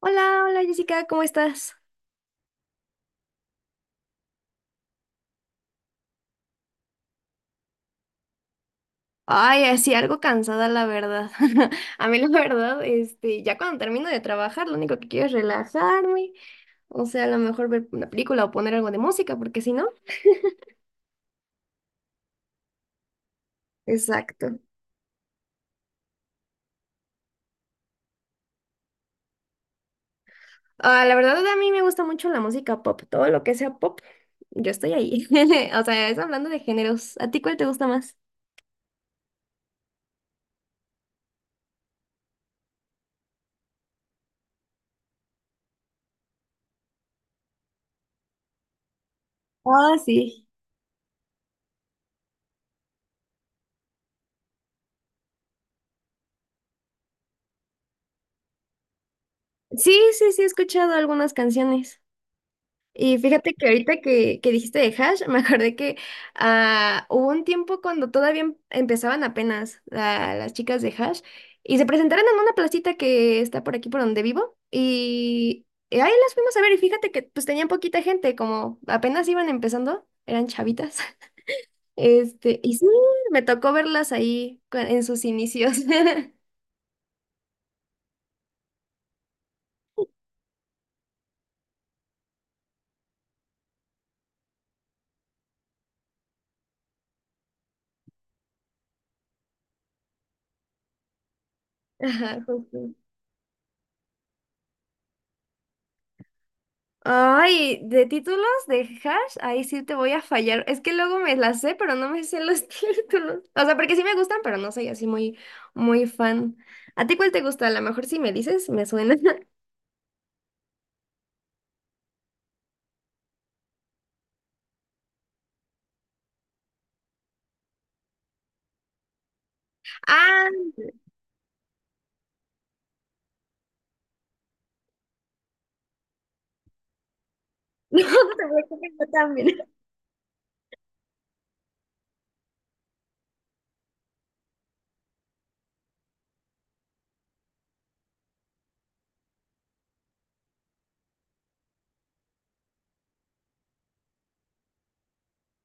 Hola, hola Jessica, ¿cómo estás? Ay, así algo cansada la verdad. A mí la verdad, ya cuando termino de trabajar, lo único que quiero es relajarme, o sea, a lo mejor ver una película o poner algo de música, porque si no. Exacto. Ah, la verdad a mí me gusta mucho la música pop, todo lo que sea pop, yo estoy ahí. O sea, es hablando de géneros. ¿A ti cuál te gusta más? Ah, sí. Sí, sí, sí, he escuchado algunas canciones. Y fíjate que ahorita que dijiste de hash, me acordé que ah, hubo un tiempo cuando todavía empezaban apenas las chicas de hash y se presentaron en una placita que está por aquí por donde vivo y ahí las fuimos a ver y fíjate que pues tenían poquita gente, como apenas iban empezando, eran chavitas. Y sí, me tocó verlas ahí en sus inicios. Ajá, justo. Ay, de títulos de hash, ahí sí te voy a fallar. Es que luego me las sé, pero no me sé los títulos. O sea, porque sí me gustan, pero no soy así muy, muy fan. ¿A ti cuál te gusta? A lo mejor si me dices, me suena. Ah, no, te preocupes, yo también.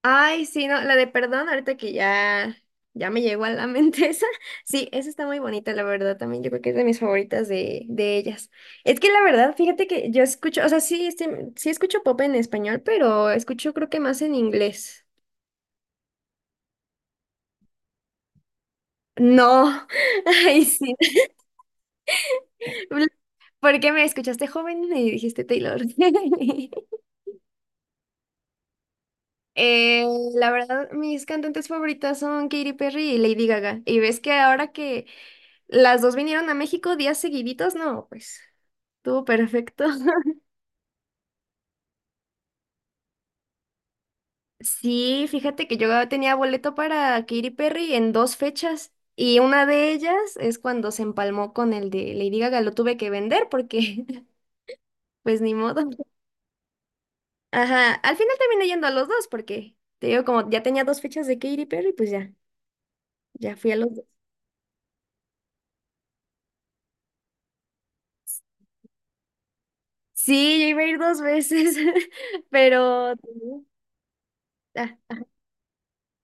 Ay, sí, no, la de perdón, ahorita que ya, ya me llegó a la mente esa. Sí, esa está muy bonita, la verdad, también. Yo creo que es de mis favoritas de ellas. Es que la verdad, fíjate que yo escucho, o sea, sí, sí escucho pop en español, pero escucho creo que más en inglés. No, ay, sí. ¿Por qué me escuchaste joven y dijiste Taylor? Eh, la verdad, mis cantantes favoritas son Katy Perry y Lady Gaga. Y ves que ahora que las dos vinieron a México días seguiditos, no, pues. Estuvo perfecto. Sí, fíjate que yo tenía boleto para Katy Perry en dos fechas y una de ellas es cuando se empalmó con el de Lady Gaga, lo tuve que vender porque pues ni modo. Ajá, al final terminé yendo a los dos porque te digo como ya tenía dos fechas de Katy Perry, pues ya, ya fui a los dos. Sí, yo iba a ir dos veces, pero... Ah,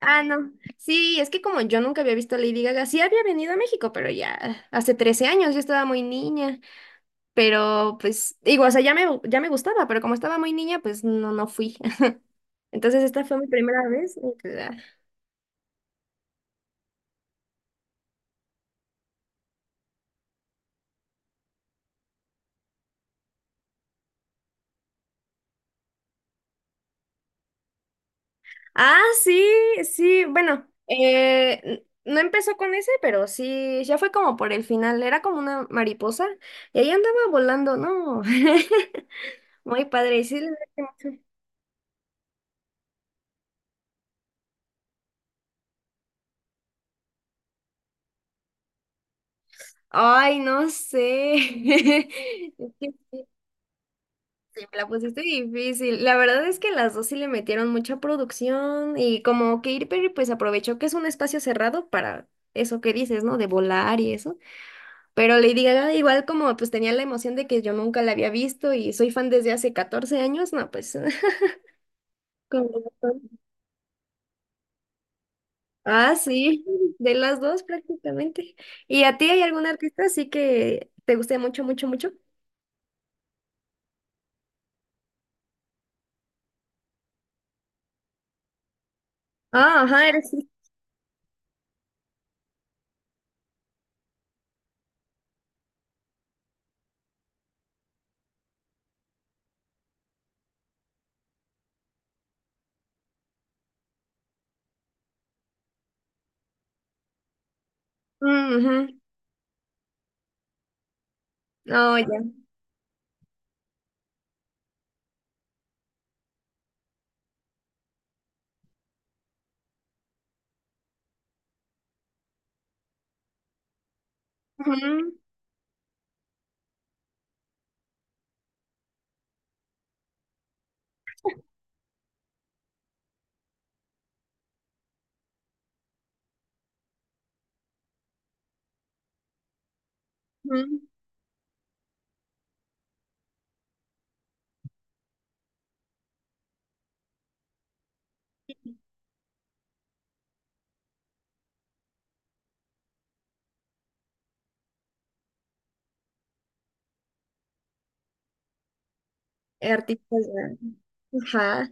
ah, no. Sí, es que como yo nunca había visto a Lady Gaga, sí había venido a México, pero ya hace 13 años, yo estaba muy niña. Pero pues digo, o sea, ya me gustaba, pero como estaba muy niña, pues no, no fui. Entonces esta fue mi primera vez. Y pues, ah. Ah, sí, sí, bueno, no empezó con ese, pero sí, ya fue como por el final, era como una mariposa y ahí andaba volando, ¿no? Muy padre, sí. le Ay, no sé. Es que sí, me la pusiste difícil. La verdad es que las dos sí le metieron mucha producción y como que Katy Perry pues aprovechó que es un espacio cerrado para eso que dices, ¿no? De volar y eso. Pero Lady Gaga igual como pues tenía la emoción de que yo nunca la había visto y soy fan desde hace 14 años, no, pues. Con razón. Ah, sí, de las dos prácticamente. ¿Y a ti hay algún artista así que te guste mucho, mucho, mucho? Ah, ajá, eres... Ujú. Oh, ya. Ujú, ujú. Artistas. Ajá.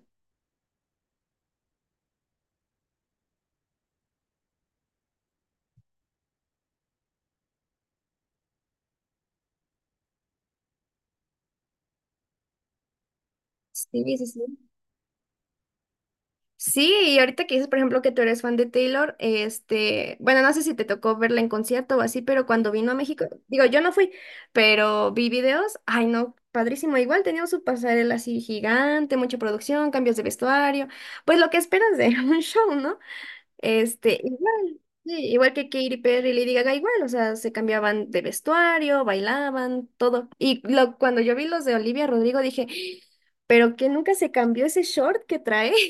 Sí, sí, sí. Sí, y ahorita que dices, por ejemplo, que tú eres fan de Taylor, bueno, no sé si te tocó verla en concierto o así, pero cuando vino a México, digo, yo no fui, pero vi videos, ay no, padrísimo, igual tenía su pasarela así gigante, mucha producción, cambios de vestuario, pues lo que esperas de un show, ¿no? Igual, sí, igual que Katy Perry y Lady Gaga, igual, o sea, se cambiaban de vestuario, bailaban, todo. Y lo, cuando yo vi los de Olivia Rodrigo dije, pero que nunca se cambió ese short que trae.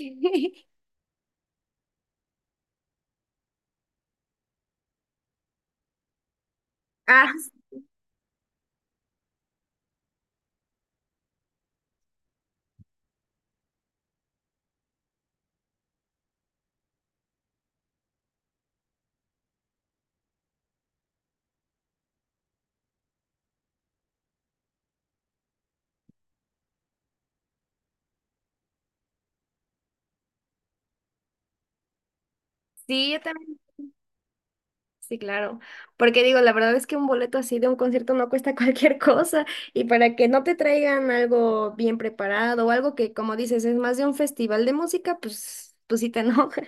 Ah, sí, yo también. Sí, claro. Porque digo, la verdad es que un boleto así de un concierto no cuesta cualquier cosa. Y para que no te traigan algo bien preparado o algo que, como dices, es más de un festival de música, pues, pues sí te enoja.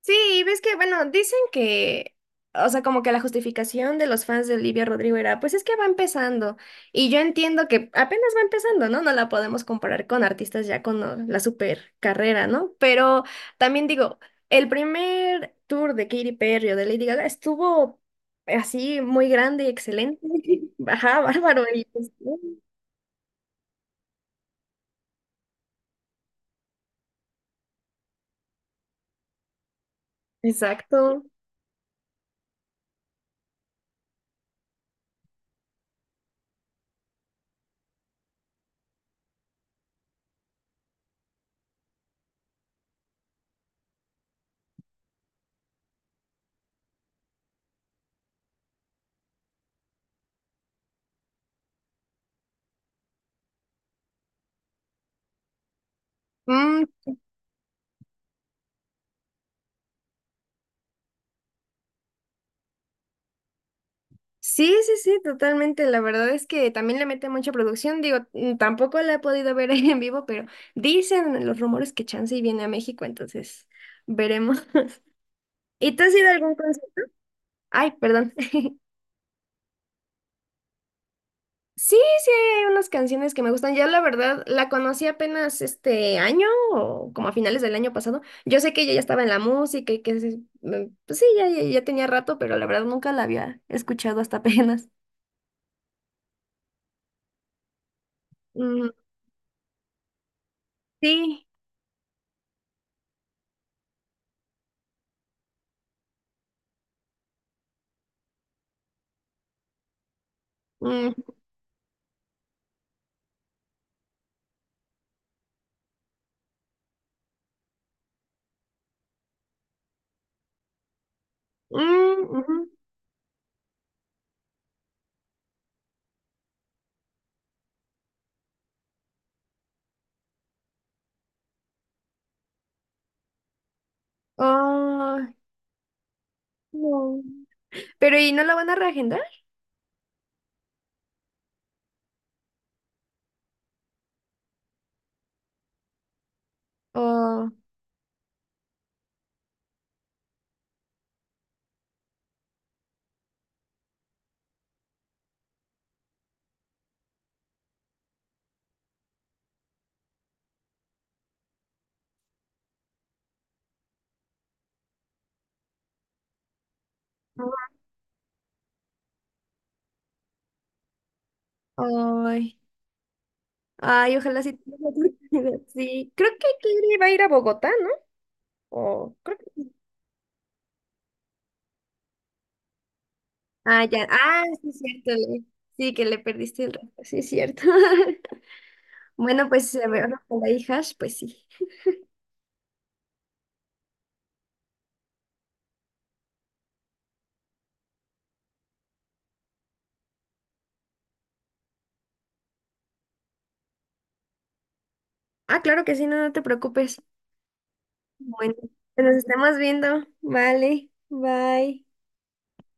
Sí, ves que, bueno, dicen que, o sea, como que la justificación de los fans de Olivia Rodrigo era, pues es que va empezando. Y yo entiendo que apenas va empezando, ¿no? No la podemos comparar con artistas ya con la super carrera, ¿no? Pero también digo, el primer tour de Katy Perry o de Lady Gaga estuvo así muy grande y excelente. Ajá, bárbaro. Y pues, ¿no? Exacto. Mm, sí, sí, sí, totalmente. La verdad es que también le mete mucha producción. Digo, mm, tampoco la he podido ver ahí en vivo, pero dicen los rumores que chance y viene a México, entonces veremos. ¿Y tú has ido a algún concierto? Ay, perdón. Sí, sí, hay unas canciones que me gustan. Ya la verdad, la conocí apenas este año o como a finales del año pasado. Yo sé que ella ya estaba en la música y que pues sí, ya, ya ya tenía rato, pero la verdad nunca la había escuchado hasta apenas. Mm, sí. Mm, mm, ujú. Ay, no. Pero ¿y no la van a reagendar? Oh, ay, ay, ojalá sí tenga la oportunidad. Sí, creo que Kiri va a ir a Bogotá, ¿no? O creo que... Ah, ya. Ah, sí, es cierto. Sí, que le perdiste el rato. Sí, es cierto. Bueno, pues a ver, con y hijas pues sí. Ah, claro que sí, no, no te preocupes. Bueno, pues nos estamos viendo. Vale, bye.